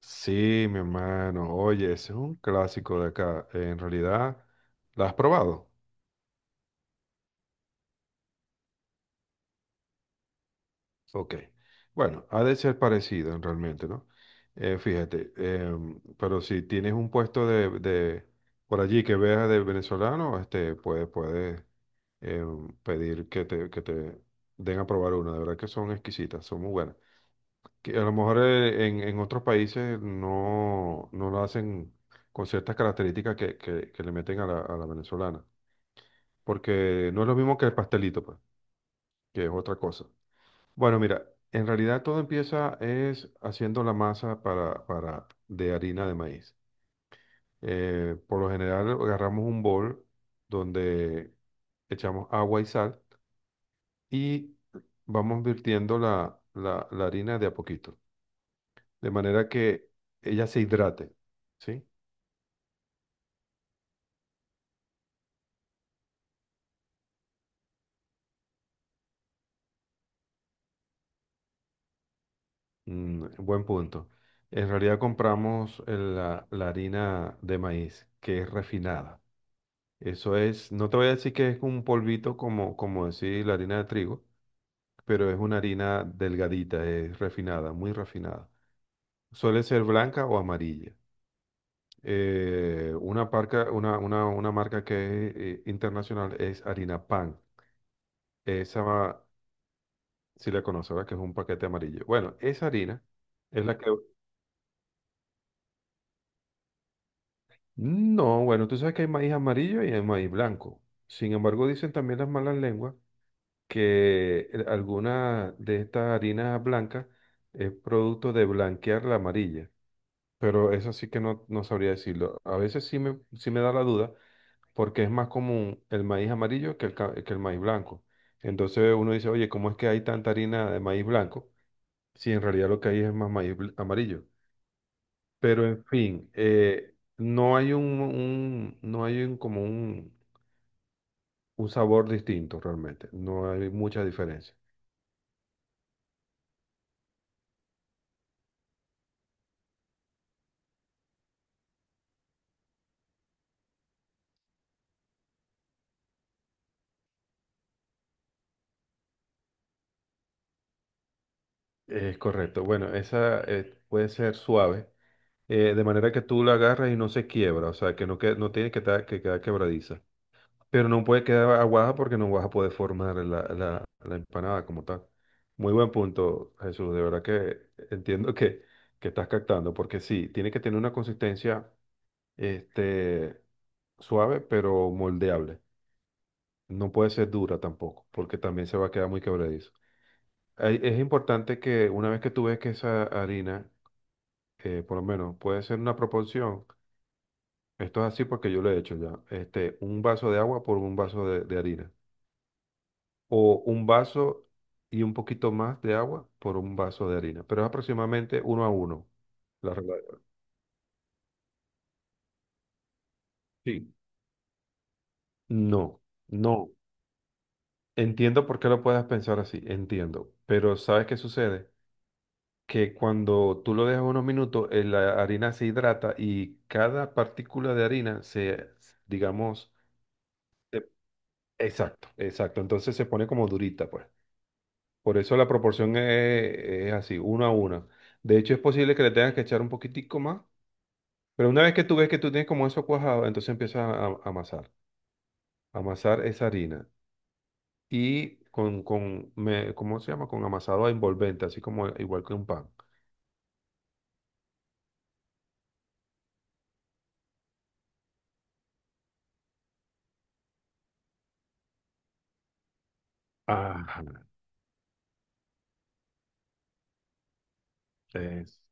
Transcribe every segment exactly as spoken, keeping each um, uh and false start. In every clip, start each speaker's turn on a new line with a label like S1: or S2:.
S1: Sí, mi hermano. Oye, ese es un clásico de acá. En realidad, ¿la has probado? Ok. Bueno, ha de ser parecido en realmente, ¿no? Eh, fíjate, em, pero si tienes un puesto de, de por allí que veas de venezolano, este, puedes, puedes em, pedir que te, que te den a probar una. De verdad que son exquisitas, son muy buenas. Que a lo mejor eh, en, en otros países no, no lo hacen con ciertas características que, que, que le meten a la, a la venezolana. Porque no es lo mismo que el pastelito, pues, que es otra cosa. Bueno, mira, en realidad todo empieza es haciendo la masa para, para, de harina de maíz. Eh, por lo general agarramos un bol donde echamos agua y sal y vamos virtiendo la, la, la harina de a poquito, de manera que ella se hidrate, ¿sí? Mm, buen punto. En realidad compramos eh, la la harina de maíz, que es refinada. Eso es, no te voy a decir que es un polvito como, como decir la harina de trigo, pero es una harina delgadita, es refinada, muy refinada. Suele ser blanca o amarilla. Eh, una, parca- una, una- Una marca que es eh, internacional es harina pan. Esa, si la conoces, ¿verdad? Que es un paquete amarillo. Bueno, esa harina es la que... No, bueno, tú sabes que hay maíz amarillo y hay maíz blanco. Sin embargo, dicen también las malas lenguas que el- alguna de estas harinas blancas es producto de blanquear la amarilla, pero eso sí que no, no sabría decirlo. A veces sí me, sí me da la duda porque es más común el maíz amarillo que el, ca- que el maíz blanco. Entonces uno dice, oye, ¿cómo es que hay tanta harina de maíz blanco si en realidad lo que hay es más maíz bl- amarillo? Pero en fin, eh, no hay un, un- no hay un, como un, un sabor distinto realmente, no hay mucha diferencia. Es correcto. Bueno, esa eh, puede ser suave, eh, de manera que tú la agarras y no se quiebra, o sea, que no, que, no tiene que, ta- que quedar quebradiza. Pero no puede quedar aguada porque no vas a poder formar la, la- la empanada como tal. Muy buen punto, Jesús. De verdad que entiendo que, que estás captando, porque sí, tiene que tener una consistencia este, suave, pero moldeable. No puede ser dura tampoco, porque también se va a quedar muy quebradizo. Hay- Es importante que una vez que tú ves que esa harina eh, por lo menos puede ser una proporción, esto es así porque yo lo he hecho ya, este, un vaso de agua por un vaso de, de harina, o un vaso y un poquito más de agua por un vaso de harina, pero es aproximadamente uno a uno. La regla de- oro. Sí. No, no. Entiendo por qué lo puedas pensar así, entiendo, pero ¿sabes qué sucede? Que cuando tú lo dejas unos minutos, eh, la harina se hidrata y cada partícula de harina se, digamos, se exacto, exacto. Entonces se pone como durita, pues. Por eso la proporción es, es así, uno a uno. De hecho, es posible que le tengas que echar un poquitico más, pero una vez que tú ves que tú tienes como eso cuajado, entonces empiezas a, a amasar. Amasar esa harina. Y con, con me- ¿cómo se llama? Con amasado envolvente, así como igual que un pan. Ajá, es,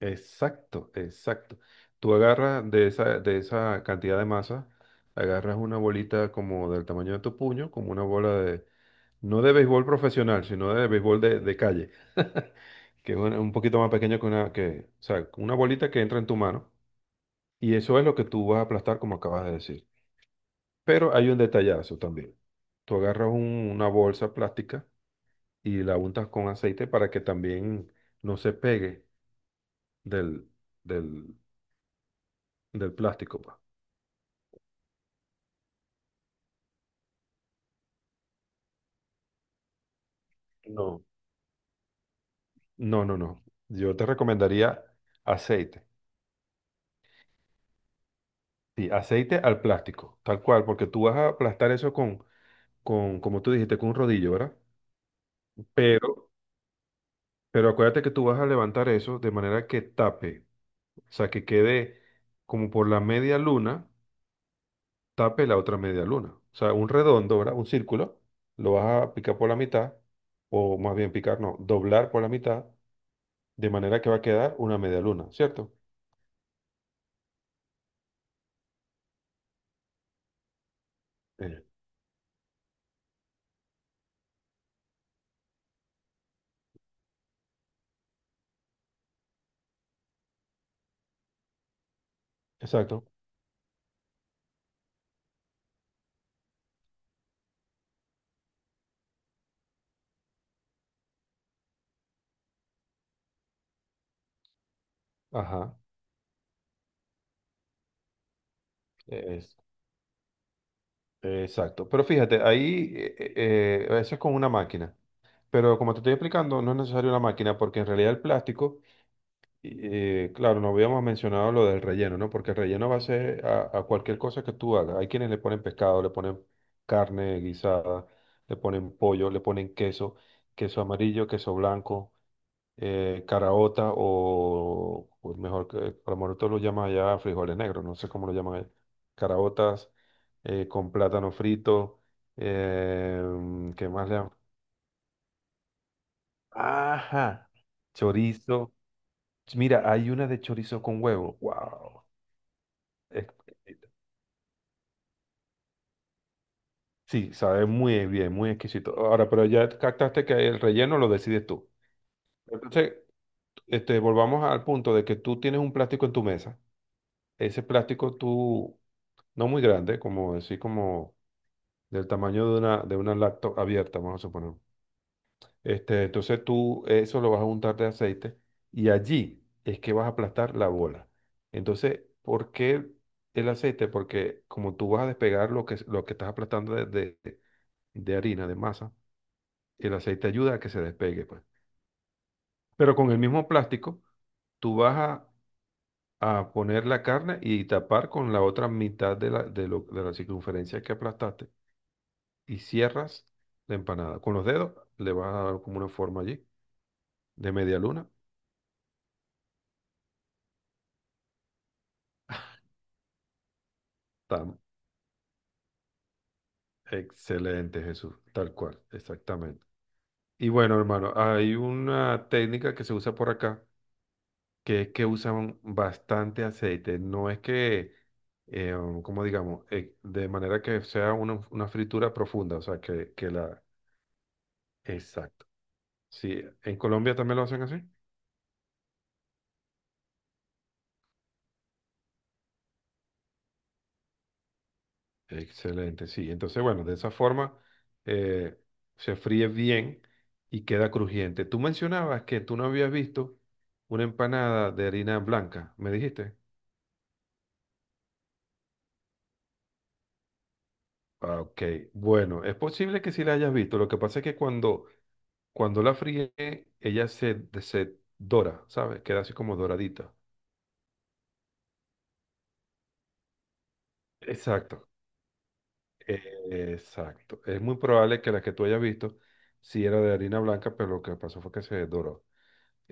S1: exacto, exacto. Tú agarras de esa, de esa cantidad de masa, agarras una bolita como del tamaño de tu puño, como una bola de no de béisbol profesional, sino de béisbol de, de calle, que es un, un poquito más pequeño que una, que, o sea, una bolita que entra en tu mano y eso es lo que tú vas a aplastar, como acabas de decir. Pero hay un detallazo también. Tú agarras un- una bolsa plástica y la untas con aceite para que también no se pegue del, del, del plástico, pues. No. No, no, no. Yo te recomendaría aceite. Sí, aceite al plástico, tal cual, porque tú vas a aplastar eso con con, como tú dijiste, con un rodillo, ¿verdad? Pero, pero acuérdate que tú vas a levantar eso de manera que tape, o sea, que quede como por la media luna, tape la otra media luna. O sea, un redondo, ¿verdad? Un círculo, lo vas a picar por la mitad, o más bien picar, no, doblar por la mitad, de manera que va a quedar una media luna, ¿cierto? Eh, exacto. Ajá. Es- exacto. Pero fíjate, ahí eh, eh, eh, eso es con una máquina. Pero como te estoy explicando, no es necesario una máquina porque en realidad el plástico Eh, claro, no habíamos mencionado lo del relleno, ¿no? Porque el relleno va a ser a, a cualquier cosa que tú hagas. Hay quienes le ponen pescado, le ponen carne guisada, le ponen pollo, le ponen queso, queso amarillo, queso blanco, eh, caraota o, o mejor que, a lo mejor tú lo llamas allá frijoles negros, no sé cómo lo llaman allá. Caraotas eh, con plátano frito, eh, ¿qué más le llaman? Ajá, chorizo. Mira, hay una de chorizo con huevo. ¡Wow! Exquisito. Sí, sabe muy bien, muy exquisito. Ahora, pero ya captaste que el relleno lo decides tú. Entonces, este, volvamos al punto de que tú tienes un plástico en tu mesa. Ese plástico tú, no muy grande, como decir, como del tamaño de una, de una laptop abierta, vamos a suponer. Este, entonces tú eso lo vas a untar de aceite y allí es que vas a aplastar la bola. Entonces, ¿por qué el aceite? Porque como tú vas a despegar lo que, lo que estás aplastando de de- de harina, de masa, y el aceite ayuda a que se despegue, pues. Pero con el mismo plástico, tú vas a, a poner la carne y tapar con la otra mitad de la, de lo- de la circunferencia que aplastaste y cierras la empanada. Con los dedos le vas a dar como una forma allí de media luna. Tan excelente, Jesús, tal cual, exactamente. Y bueno, hermano, hay una técnica que se usa por acá que es que usan bastante aceite. No es que, eh, um, como digamos, eh, de manera que sea una, una fritura profunda, o sea, que, que la... Exacto. Sí, en Colombia también lo hacen así. Excelente, sí. Entonces, bueno, de esa forma eh, se fríe bien y queda crujiente. Tú mencionabas que tú no habías visto una empanada de harina blanca, ¿me dijiste? Ah, ok, bueno, es posible que sí la hayas visto. Lo que pasa es que cuando, cuando la fríe, ella se, se dora, ¿sabes? Queda así como doradita. Exacto, e- exacto. Es muy probable que la que tú hayas visto sí era de harina blanca, pero lo que pasó fue que se doró.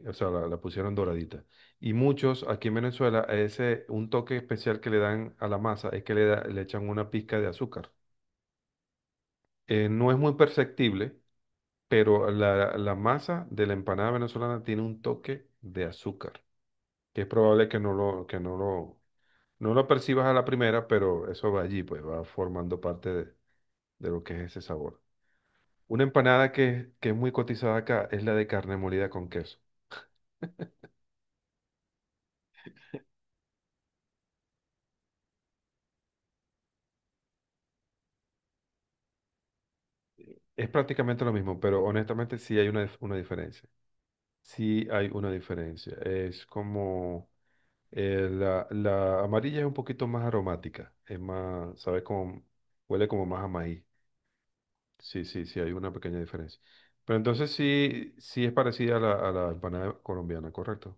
S1: O sea, la, la pusieron doradita. Y muchos aquí en Venezuela, a ese, un toque especial que le dan a la masa es que le, da- le echan una pizca de azúcar. Eh, no es muy perceptible, pero la, la masa de la empanada venezolana tiene un toque de azúcar, que es probable que no lo, que no lo, no lo percibas a la primera, pero eso va allí, pues va formando parte de, de lo que es ese sabor. Una empanada que, que es muy cotizada acá es la de carne molida con queso. Es prácticamente lo mismo, pero honestamente sí hay una, dif- una diferencia. Sí hay una diferencia. Es como eh, la, la amarilla es un poquito más aromática, es más, sabe como, huele como más a maíz. Sí, sí, sí, hay una pequeña diferencia. Pero entonces sí, sí es parecida a la, a la empanada colombiana, correcto.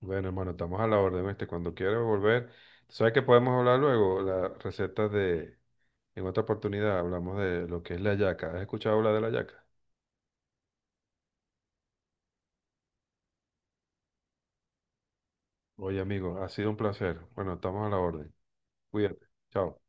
S1: Bueno, hermano, estamos a la orden, este. Cuando quieras volver, tú sabes que podemos hablar luego. Las recetas de, en otra oportunidad hablamos de lo que es la yaca. ¿Has escuchado hablar de la yaca? Oye, amigo, ha sido un placer. Bueno, estamos a la orden. Cuídate. Chao.